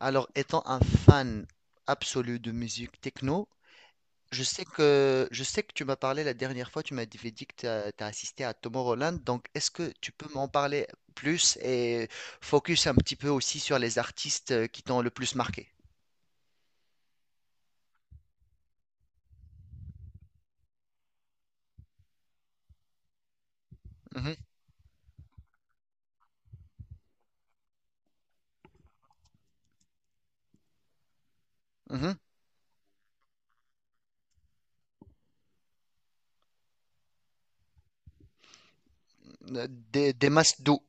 Alors, étant un fan absolu de musique techno, je sais que tu m'as parlé la dernière fois, tu m'as dit que tu as assisté à Tomorrowland, donc est-ce que tu peux m'en parler plus et focus un petit peu aussi sur les artistes qui t'ont le plus marqué? Mhm, mhm. Des masses d'eau.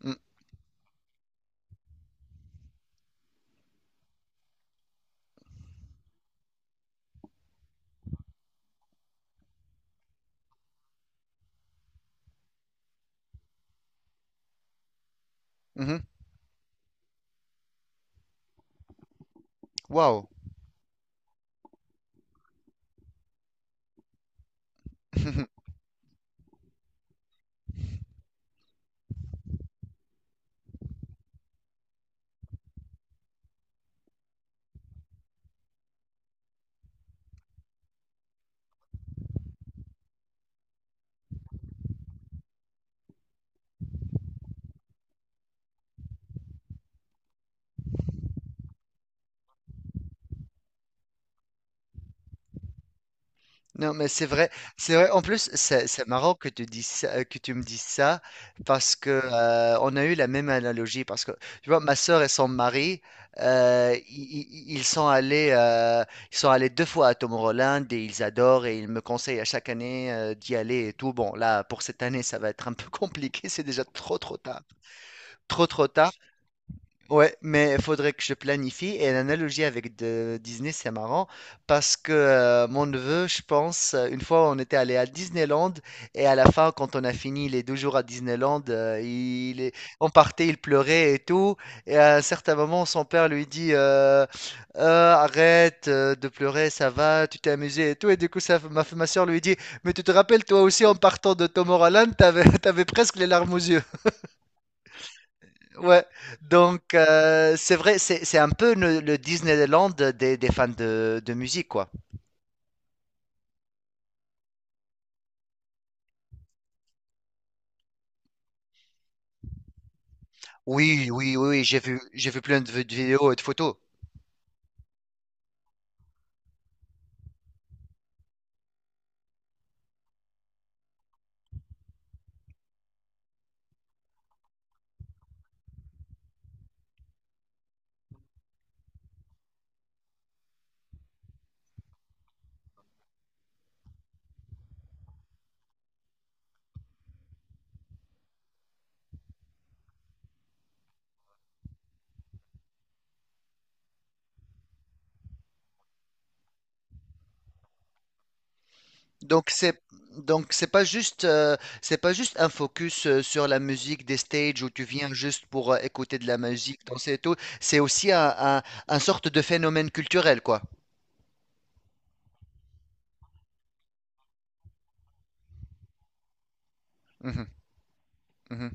Mhm, mhm. Wow. Non, mais c'est vrai, c'est vrai. En plus, c'est marrant que que tu me dises ça parce que on a eu la même analogie. Parce que tu vois, ma sœur et son mari, ils sont allés deux fois à Tomorrowland et ils adorent et ils me conseillent à chaque année d'y aller et tout. Bon, là, pour cette année, ça va être un peu compliqué. C'est déjà trop, trop tard. Trop, trop tard. Ouais, mais il faudrait que je planifie. Et l'analogie avec Disney, c'est marrant parce que mon neveu, je pense, une fois, on était allé à Disneyland et à la fin, quand on a fini les deux jours à Disneyland, on partait, il pleurait et tout. Et à un certain moment, son père lui dit Arrête de pleurer, ça va, tu t'es amusé et tout. Et du coup, ma soeur lui dit: «Mais tu te rappelles, toi aussi, en partant de Tom Holland, t'avais, t'avais presque les larmes aux yeux.» Ouais, donc c'est vrai, c'est un peu le Disneyland des fans de musique, quoi. Oui, oui, oui, oui, j'ai vu plein de de vidéos et de photos. Donc c'est donc c'est pas juste c'est pas juste un focus sur la musique des stages où tu viens juste pour écouter de la musique, danser et tout. C'est aussi un sorte de phénomène culturel, quoi. Mhm, mhm,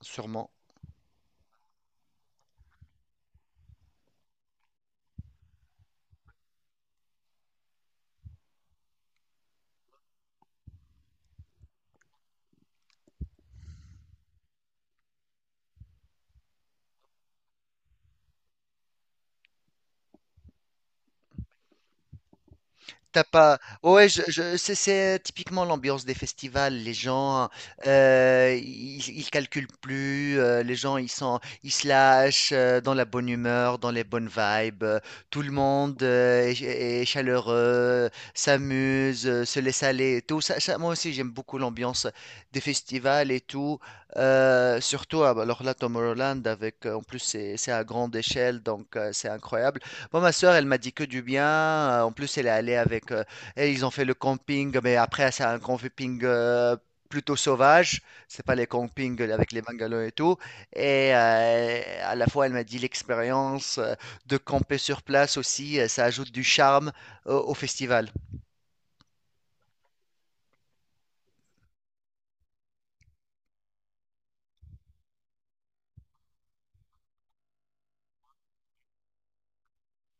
sûrement. T'as pas. Ouais, c'est typiquement l'ambiance des festivals. Les gens, ils, ils calculent plus. Les gens, ils sont, ils se lâchent dans la bonne humeur, dans les bonnes vibes. Tout le monde est, est chaleureux, s'amuse, se laisse aller et tout. Ça, moi aussi, j'aime beaucoup l'ambiance des festivals et tout. Surtout, ah, bah, alors là, Tomorrowland, avec, en plus, c'est à grande échelle, donc c'est incroyable. Moi, ma sœur, elle m'a dit que du bien. En plus, elle est allée avec. Et ils ont fait le camping, mais après, c'est un camping plutôt sauvage. C'est pas les campings avec les bungalows et tout. Et à la fois, elle m'a dit l'expérience de camper sur place aussi, ça ajoute du charme au, au festival.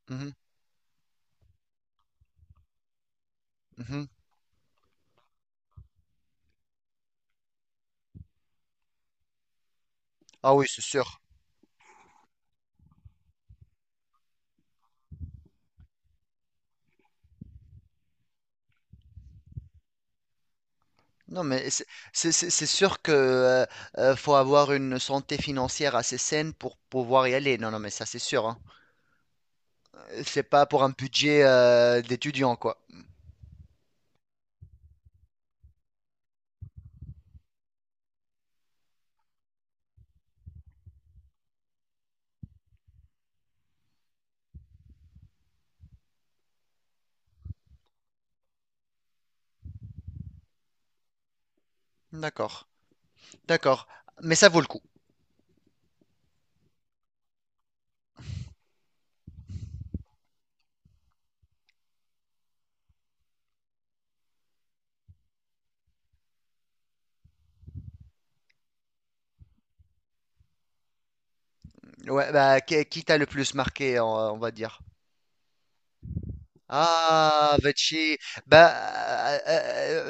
Mhm, mhm. Ah oui, c'est sûr. Non, mais c'est c'est sûr que faut avoir une santé financière assez saine pour pouvoir y aller. Non, non, mais ça, c'est sûr, hein. C'est pas pour un budget d'étudiant, quoi. D'accord, d'accord. Mais ça vaut le coup. Ouais, bah, qui t'a le plus marqué, on va dire? Ah, Vichy. Bah, euh,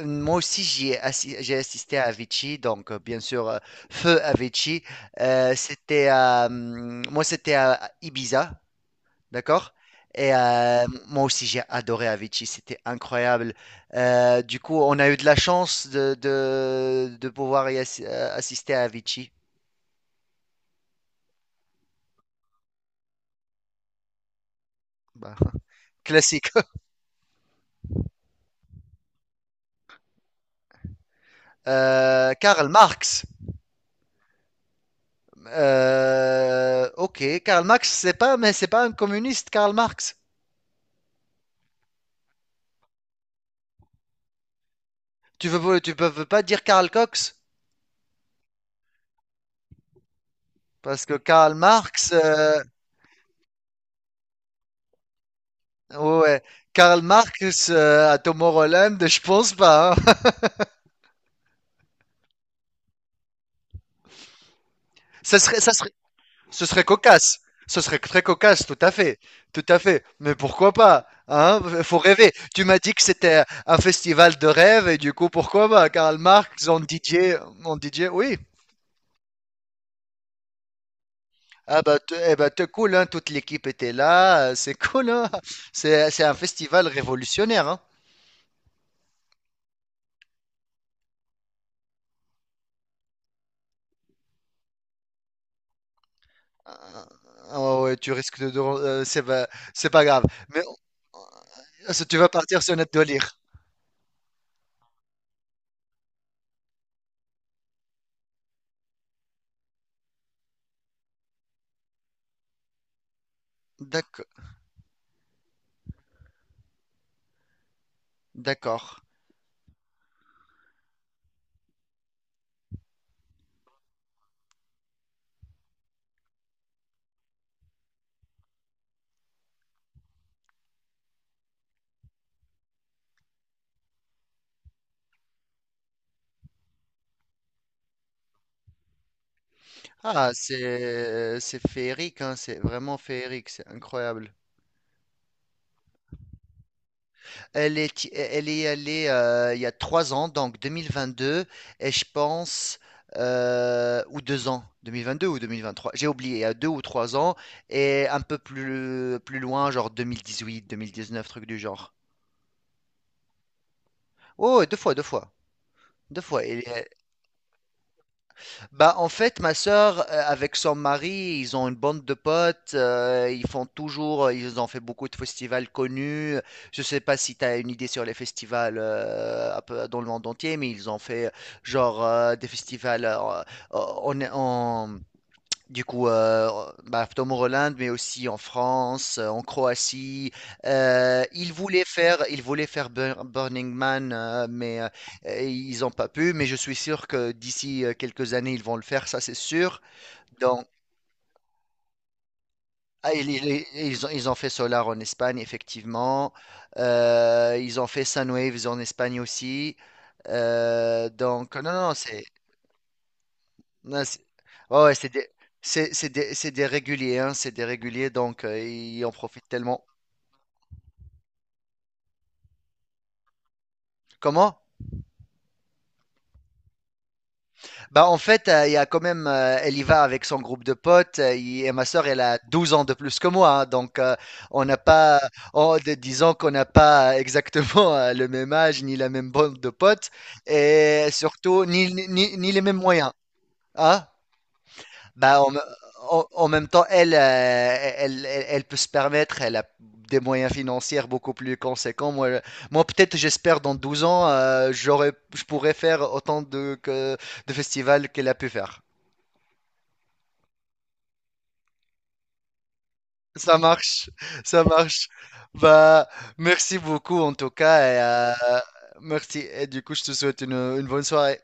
euh, moi aussi, j'ai assisté à Vichy, donc bien sûr, feu à Vichy. C'était à, moi, c'était à Ibiza. D'accord? Et moi aussi, j'ai adoré Avicii, c'était incroyable. Du coup, on a eu de la chance de pouvoir assister à Avicii. Bah, classique. Karl Marx. Ok, Karl Marx, c'est pas, mais c'est pas un communiste, Karl Marx. Tu veux, tu peux veux pas dire Karl Cox, parce que Karl Marx, ouais, ouais. Karl Marx à Tom Holland, je pense pas. Hein. Ça serait ce serait cocasse. Ce serait très cocasse, tout à fait. Tout à fait. Mais pourquoi pas? Hein? Faut rêver. Tu m'as dit que c'était un festival de rêve et du coup, pourquoi pas? Karl Marx en DJ, en DJ, oui. Ah bah, eh bah, t'es cool, hein? Toute l'équipe était là. C'est cool, hein? C'est un festival révolutionnaire, hein? Ah ouais, tu risques de... c'est pas grave. Mais ça, tu vas partir sur notre délire. D'accord. D'accord. Ah, c'est féerique, hein, c'est vraiment féerique, c'est incroyable. Elle est allée il y a trois ans, donc 2022, et je pense, ou deux ans, 2022 ou 2023. J'ai oublié, il y a deux ou trois ans, et un peu plus, plus loin, genre deux mille dix-huit, deux mille dix-neuf, truc du genre. Oh, deux fois, deux fois, deux fois. Et, bah, en fait, ma sœur, avec son mari, ils ont une bande de potes, ils ont fait beaucoup de festivals connus. Je sais pas si tu as une idée sur les festivals un peu dans le monde entier, mais ils ont fait genre des festivals en, en, du coup, bah, Tom Holland, mais aussi en France, en Croatie. Ils voulaient faire Burning Man, ils n'ont pas pu. Mais je suis sûr que d'ici quelques années, ils vont le faire, ça c'est sûr. Donc, ah, ils ont fait Solar en Espagne, effectivement. Ils ont fait Sunwaves en Espagne aussi. Donc, non, non, non, c'est non, ouais, ouais, c'est des réguliers, hein, c'est des réguliers, donc ils en profitent tellement. Comment? Bah en fait, il y a quand même, elle y va avec son groupe de potes, et ma sœur, elle a 12 ans de plus que moi, hein, donc on n'a pas, en disons qu'on n'a pas exactement le même âge, ni la même bande de potes, et surtout, ni les mêmes moyens. Hein? Bah, en même temps, elle, elle peut se permettre, elle a des moyens financiers beaucoup plus conséquents. Moi, moi peut-être, j'espère, dans 12 ans, je pourrais faire autant de, de festivals qu'elle a pu faire. Ça marche, ça marche. Bah, merci beaucoup en tout cas. Et, euh, merci. Et du coup, je te souhaite une bonne soirée.